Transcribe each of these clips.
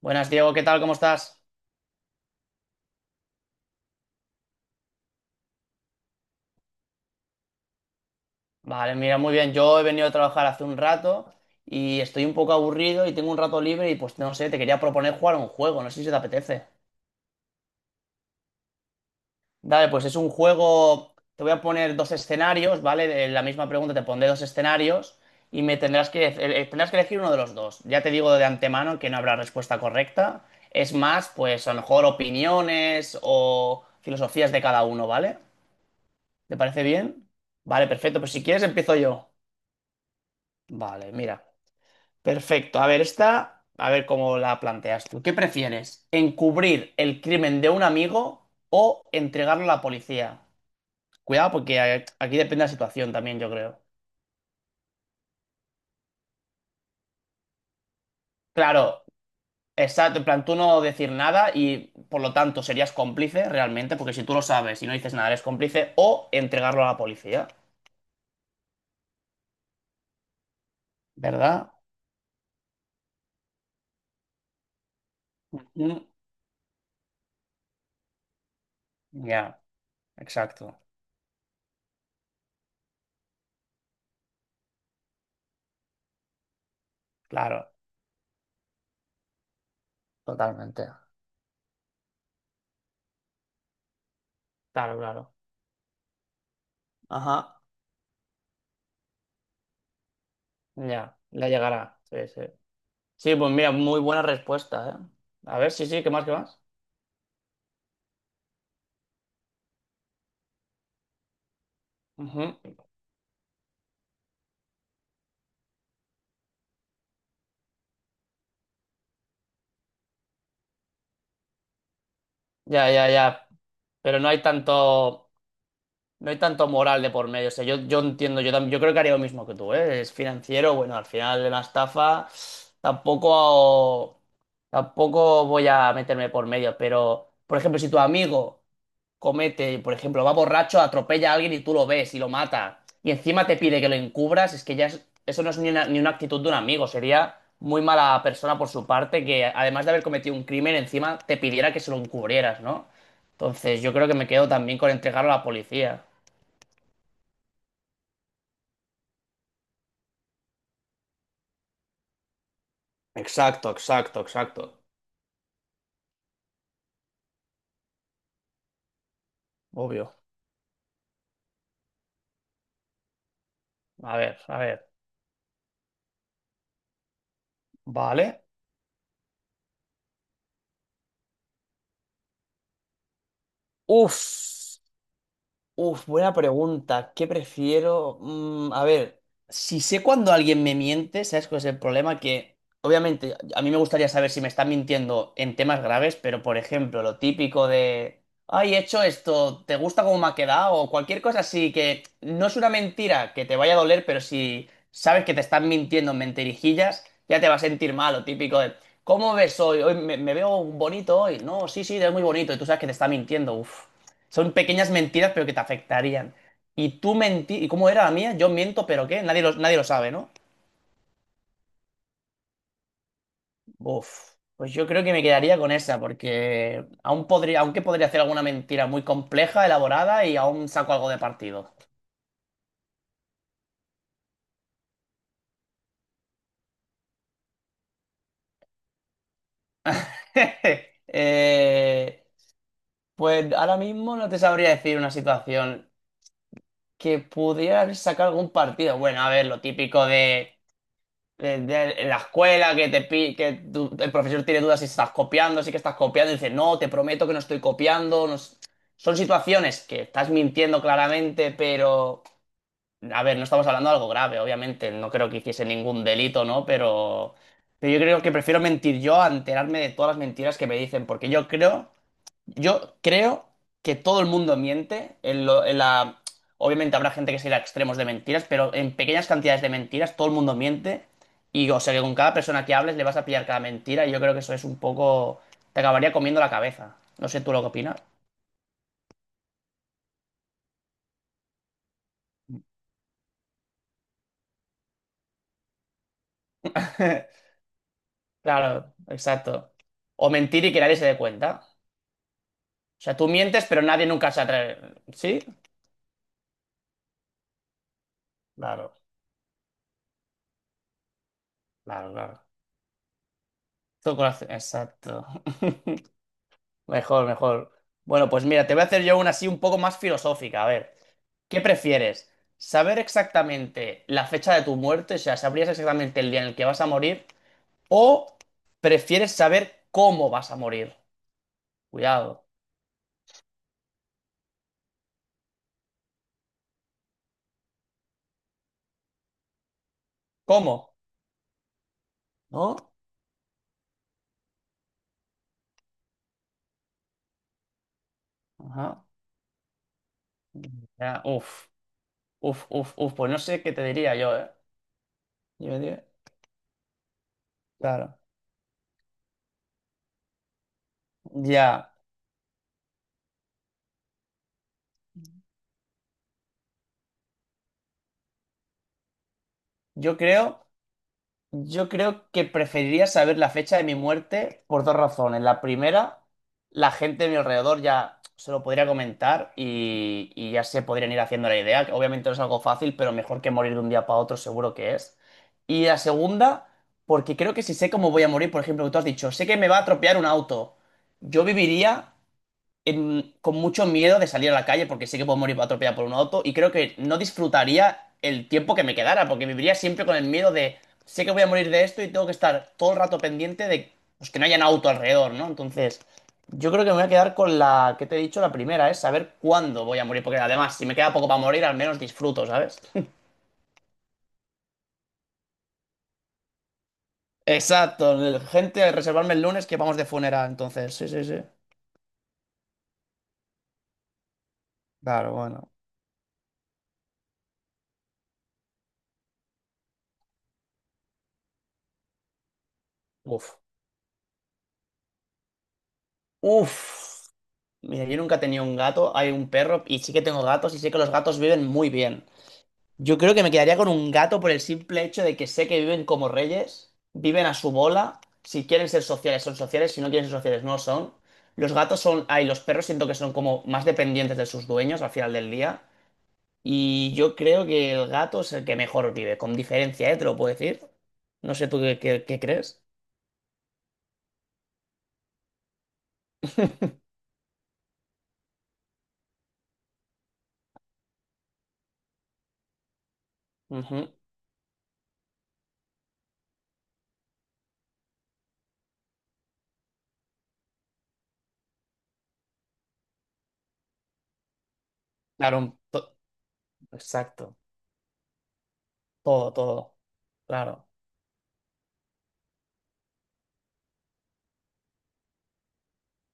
Buenas, Diego, ¿qué tal? ¿Cómo estás? Vale, mira, muy bien. Yo he venido a trabajar hace un rato y estoy un poco aburrido y tengo un rato libre y pues no sé, te quería proponer jugar a un juego, no sé si te apetece. Dale, pues es un juego, te voy a poner dos escenarios, ¿vale? De la misma pregunta te pondré dos escenarios y me tendrás que elegir uno de los dos. Ya te digo de antemano que no habrá respuesta correcta. Es más, pues a lo mejor opiniones o filosofías de cada uno, ¿vale? ¿Te parece bien? Vale, perfecto, pues si quieres empiezo yo. Vale, mira. Perfecto. A ver, esta, a ver cómo la planteas tú. ¿Qué prefieres? ¿Encubrir el crimen de un amigo o entregarlo a la policía? Cuidado, porque aquí depende de la situación también, yo creo. Claro, exacto. En plan, tú no decir nada y por lo tanto serías cómplice realmente, porque si tú lo sabes y no dices nada, eres cómplice, o entregarlo a la policía, ¿verdad? Mm. Ya, exacto. Claro, totalmente. Claro, claro. Ajá, ya, le llegará. Sí, sí. Sí, pues mira, muy buena respuesta, ¿eh? A ver, sí, sí, ¿qué más, qué más? Ujú. Ya, ya, ya. Pero no hay tanto. No hay tanto moral de por medio. O sea, yo entiendo, yo, yo creo que haría lo mismo que tú, ¿eh? Es financiero, bueno, al final de la estafa tampoco, tampoco voy a meterme por medio. Pero, por ejemplo, si tu amigo comete, por ejemplo, va borracho, atropella a alguien y tú lo ves y lo mata, y encima te pide que lo encubras, es que ya eso no es ni una, ni una actitud de un amigo. Sería muy mala persona por su parte que, además de haber cometido un crimen, encima te pidiera que se lo encubrieras, ¿no? Entonces, yo creo que me quedo también con entregarlo a la policía. Exacto, exacto, exacto. Obvio. A ver, a ver. Vale. Uf. Uf, buena pregunta. ¿Qué prefiero? Mm, a ver, si sé cuando alguien me miente, ¿sabes cuál es el problema? Que obviamente a mí me gustaría saber si me están mintiendo en temas graves, pero por ejemplo, lo típico de, ay, he hecho esto, ¿te gusta cómo me ha quedado? O cualquier cosa así que no es una mentira que te vaya a doler, pero si sabes que te están mintiendo en mentirijillas, ya te va a sentir mal, lo típico de, ¿cómo ves hoy? Hoy me, me veo bonito hoy. No, sí, sí, te ves muy bonito y tú sabes que te está mintiendo. Uf. Son pequeñas mentiras, pero que te afectarían. Y tú mentí, ¿y cómo era la mía? Yo miento, pero ¿qué? Nadie lo, nadie lo sabe, ¿no? Uf, pues yo creo que me quedaría con esa, porque aún podría, aunque podría hacer alguna mentira muy compleja, elaborada, y aún saco algo de partido. Eh, pues ahora mismo no te sabría decir una situación que pudiera sacar algún partido. Bueno, a ver, lo típico de en la escuela que te pi- que tu- el profesor tiene dudas si estás copiando, si que estás copiando, y dice, no, te prometo que no estoy copiando. No es- Son situaciones que estás mintiendo claramente, pero... A ver, no estamos hablando de algo grave, obviamente. No creo que hiciese ningún delito, ¿no? Pero yo creo que prefiero mentir yo a enterarme de todas las mentiras que me dicen, porque yo creo que todo el mundo miente. En la... Obviamente habrá gente que se irá a extremos de mentiras, pero en pequeñas cantidades de mentiras todo el mundo miente. Y o sea que con cada persona que hables le vas a pillar cada mentira y yo creo que eso es un poco... Te acabaría comiendo la cabeza. No sé tú lo que opinas. Claro, exacto. O mentir y que nadie se dé cuenta. O sea, tú mientes, pero nadie nunca se atreve. ¿Sí? Claro, claro, claro. Tu corazón- Exacto. Mejor, mejor. Bueno, pues mira, te voy a hacer yo una así un poco más filosófica. A ver, ¿qué prefieres? ¿Saber exactamente la fecha de tu muerte? O sea, ¿sabrías exactamente el día en el que vas a morir? ¿O prefieres saber cómo vas a morir? Cuidado. ¿Cómo? ¿No? Ajá. Ya, uf, uf, uf, uf. Pues no sé qué te diría yo, ¿eh? Yo diría- Claro. Ya. Yo creo. Yo creo que preferiría saber la fecha de mi muerte por dos razones. La primera, la gente de mi alrededor ya se lo podría comentar y ya se podrían ir haciendo la idea, que obviamente no es algo fácil, pero mejor que morir de un día para otro seguro que es. Y la segunda, porque creo que si sé cómo voy a morir, por ejemplo, que tú has dicho, sé que me va a atropellar un auto, yo viviría con mucho miedo de salir a la calle porque sé que puedo morir atropellado por un auto y creo que no disfrutaría el tiempo que me quedara porque viviría siempre con el miedo de sé que voy a morir de esto y tengo que estar todo el rato pendiente de pues, que no haya un auto alrededor, ¿no? Entonces, yo creo que me voy a quedar con la que te he dicho, la primera, es saber cuándo voy a morir porque además si me queda poco para morir al menos disfruto, ¿sabes? Exacto, gente, reservarme el lunes que vamos de funeral, entonces, sí, sí, sí. Claro, bueno. Uf. Uf. Mira, yo nunca he tenido un gato, hay un perro y sí que tengo gatos y sé que los gatos viven muy bien. Yo creo que me quedaría con un gato por el simple hecho de que sé que viven como reyes, viven a su bola, si quieren ser sociales son sociales, si no quieren ser sociales no lo son. Los gatos son, ay, los perros siento que son como más dependientes de sus dueños al final del día y yo creo que el gato es el que mejor vive, con diferencia, ¿eh? Te lo puedo decir. No sé tú qué, qué crees. Ujú. Claro, exacto, todo, todo, claro,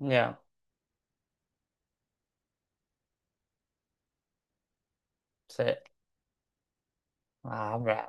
ya. Sí. Ah, hombre.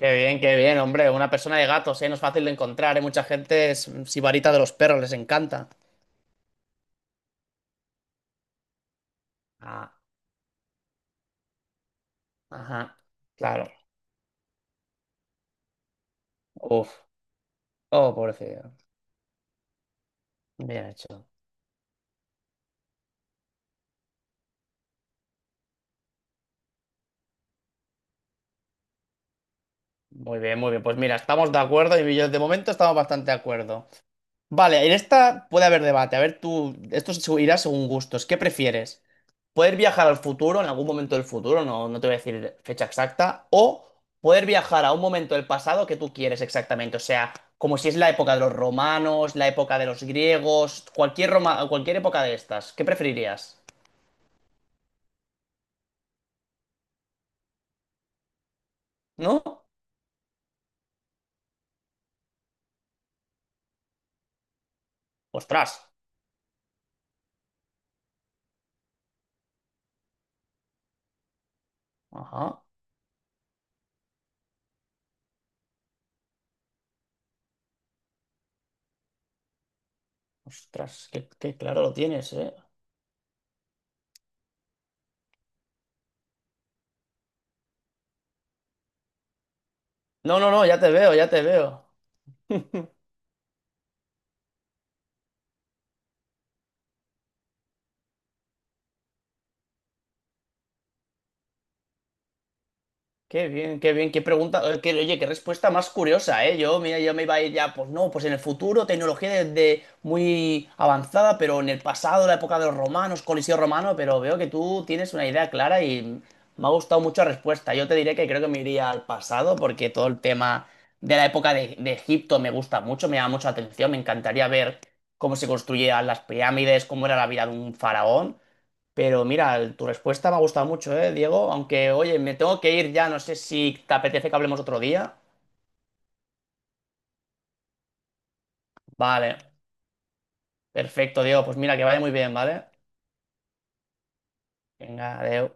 Qué bien, hombre. Una persona de gatos, ¿eh? No es fácil de encontrar, ¿eh? Mucha gente es sibarita de los perros, les encanta. Ah, ajá. Claro. Uf. Oh, pobrecillo. Bien hecho. Muy bien, muy bien. Pues mira, estamos de acuerdo y yo de momento estamos bastante de acuerdo. Vale, en esta puede haber debate. A ver, tú, esto se irá según gustos. ¿Qué prefieres? ¿Poder viajar al futuro, en algún momento del futuro? No, no te voy a decir fecha exacta. O poder viajar a un momento del pasado que tú quieres exactamente. O sea, como si es la época de los romanos, la época de los griegos, cualquier época de estas. ¿Qué preferirías? ¿No? Ostras. Ajá. Ostras, qué, qué claro lo tienes, ¿eh? No, no, no, ya te veo, ya te veo. Qué bien, qué bien, qué pregunta, qué- oye, qué respuesta más curiosa, ¿eh? Yo, mira, yo me iba a ir ya, pues no, pues en el futuro, tecnología de muy avanzada, pero en el pasado, la época de los romanos, Coliseo romano, pero veo que tú tienes una idea clara y me ha gustado mucho la respuesta. Yo te diré que creo que me iría al pasado porque todo el tema de la época de Egipto me gusta mucho, me llama mucho la atención, me encantaría ver cómo se construían las pirámides, cómo era la vida de un faraón. Pero mira, tu respuesta me ha gustado mucho, ¿eh, Diego? Aunque, oye, me tengo que ir ya, no sé si te apetece que hablemos otro día. Vale, perfecto, Diego. Pues mira, que vaya muy bien, ¿vale? Venga, adeu.